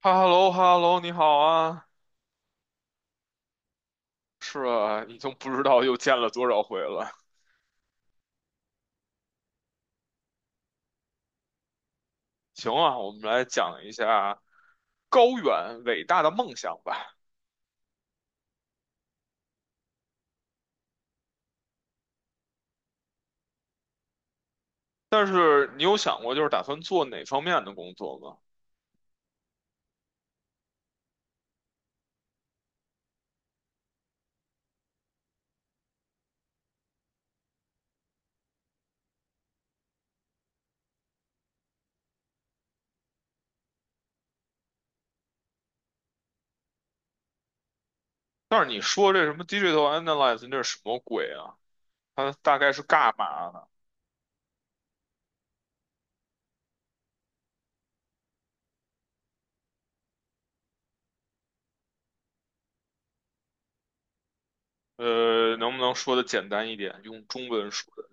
哈喽哈喽，你好啊！是啊，已经不知道又见了多少回了。行啊，我们来讲一下高远伟大的梦想吧。但是你有想过，就是打算做哪方面的工作吗？但是你说这什么 digital analysis，那是什么鬼啊？它大概是干嘛的？能不能说的简单一点，用中文说的？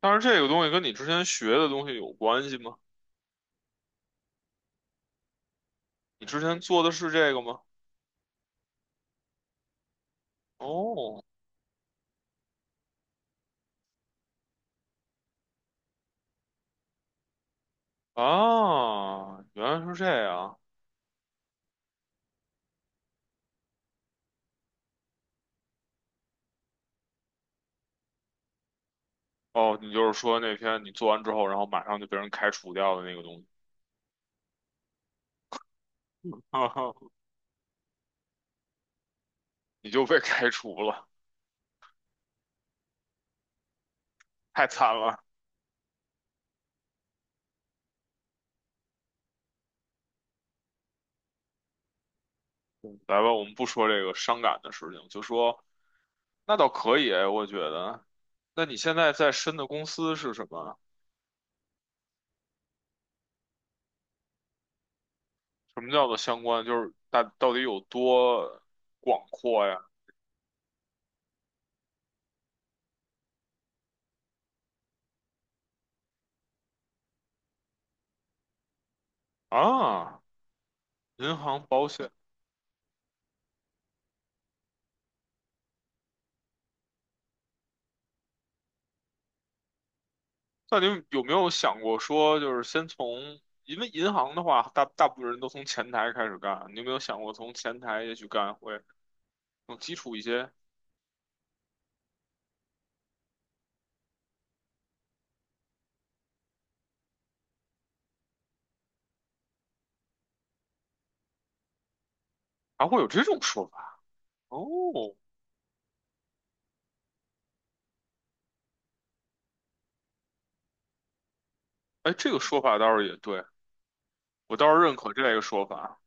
但是这个东西跟你之前学的东西有关系吗？你之前做的是这个吗？哦，啊，原来是这样。哦，你就是说那天你做完之后，然后马上就被人开除掉的那个东西，你就被开除了，太惨了。嗯来吧，我们不说这个伤感的事情，就说那倒可以哎，我觉得。那你现在在深的公司是什么？什么叫做相关？就是大到底有多广阔呀？啊，银行、保险，那你有没有想过说，就是先从，因为银行的话，大部分人都从前台开始干，你有没有想过从前台也许干会？更基础一些，还会有这种说法哦。哎，这个说法倒是也对，我倒是认可这个说法。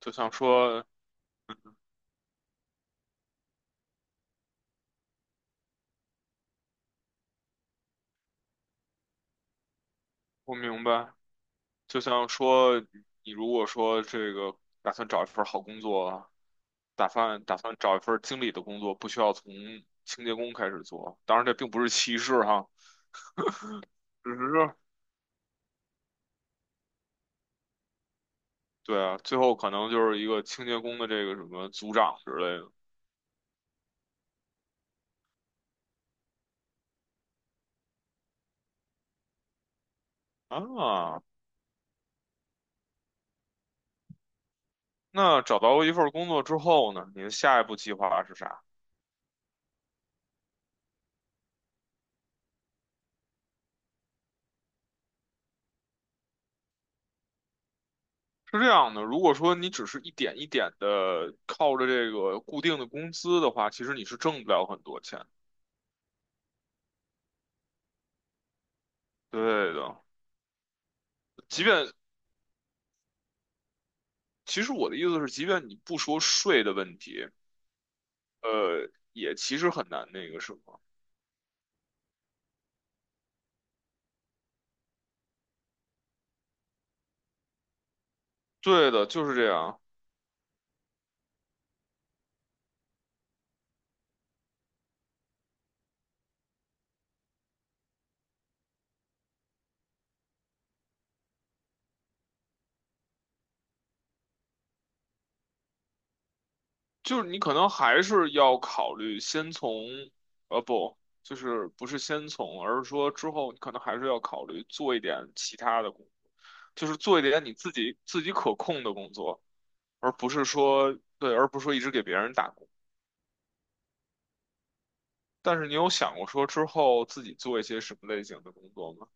就像说，我明白，就像说，你如果说这个打算找一份好工作，打算找一份经理的工作，不需要从清洁工开始做。当然，这并不是歧视哈，只是对啊，最后可能就是一个清洁工的这个什么组长之类的啊。那找到一份工作之后呢，你的下一步计划是啥？是这样的，如果说你只是一点一点的靠着这个固定的工资的话，其实你是挣不了很多钱。对的，即便其实我的意思是，即便你不说税的问题，也其实很难那个什么。对的，就是这样，就是你可能还是要考虑先从，呃，不，就是不是先从，而是说之后你可能还是要考虑做一点其他的工作，就是做一点你自己可控的工作。而不是说对，而不是说一直给别人打工。但是你有想过说之后自己做一些什么类型的工作吗？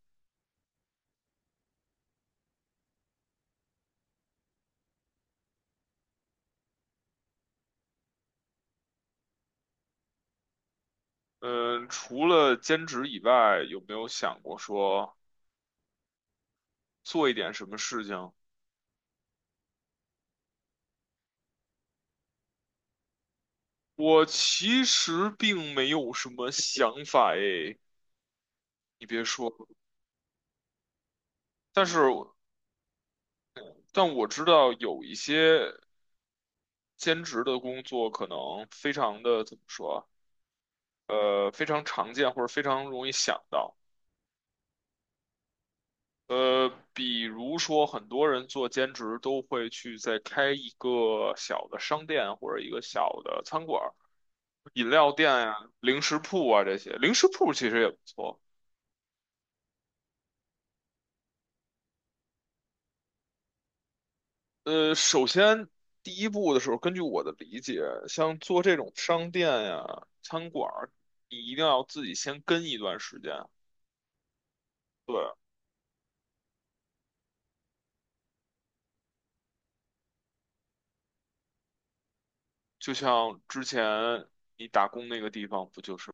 嗯，除了兼职以外，有没有想过说做一点什么事情？我其实并没有什么想法诶，你别说，但是但我知道有一些兼职的工作可能非常的怎么说啊，呃，非常常见或者非常容易想到。呃，比如说，很多人做兼职都会去再开一个小的商店或者一个小的餐馆儿、饮料店呀、零食铺啊这些。零食铺其实也不错。呃，首先第一步的时候，根据我的理解，像做这种商店呀、餐馆儿，你一定要自己先跟一段时间。对，就像之前你打工那个地方，不就是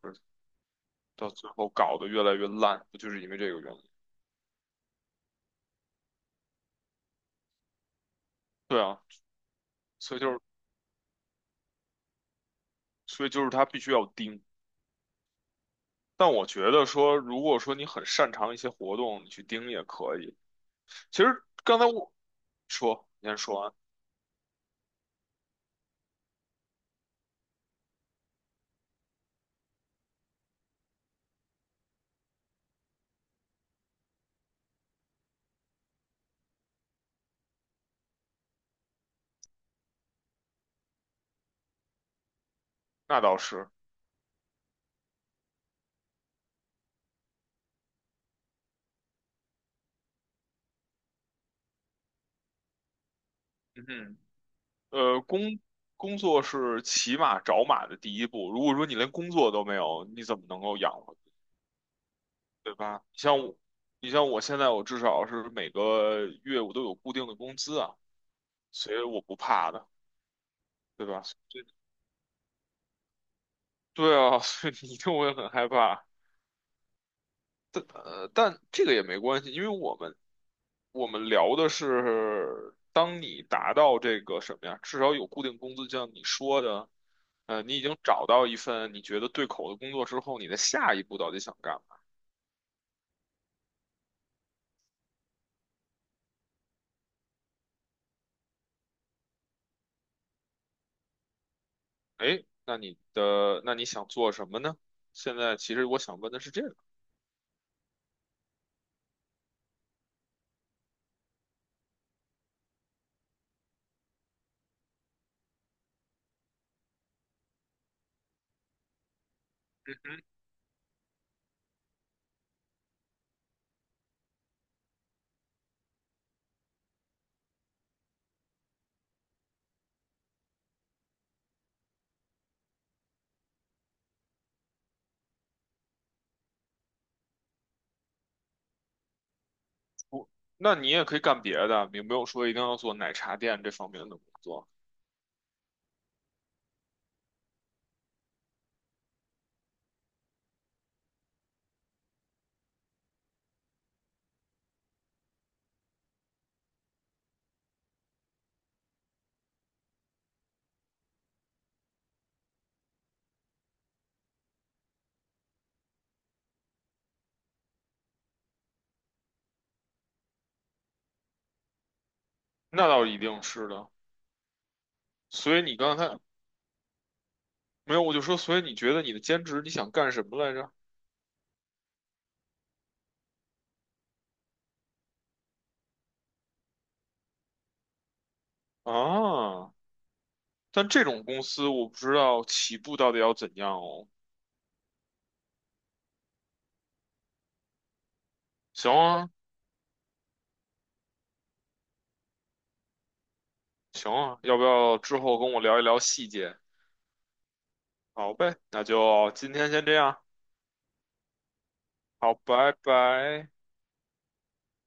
到最后搞得越来越烂，不就是因为这个原因？对啊。所以就是所以就是他必须要盯。但我觉得说，如果说你很擅长一些活动，你去盯也可以。其实刚才我说，你先说完，那倒是，嗯哼，呃，工作是骑马找马的第一步。如果说你连工作都没有，你怎么能够养活，对吧？像我，你像我现在，我至少是每个月我都有固定的工资啊，所以我不怕的，对吧？对对啊，所以你一定会很害怕。呃，但这个也没关系，因为我们聊的是，当你达到这个什么呀，至少有固定工资，就像你说的，呃，你已经找到一份你觉得对口的工作之后，你的下一步到底想干嘛？哎，那你想做什么呢？现在其实我想问的是这个，我那你也可以干别的，也没有说一定要做奶茶店这方面的工作，那倒一定是的。所以你刚才没有，我就说，所以你觉得你的兼职你想干什么来着？啊，但这种公司我不知道起步到底要怎样哦。行啊，行啊，要不要之后跟我聊一聊细节？好呗，那就今天先这样。好，拜拜。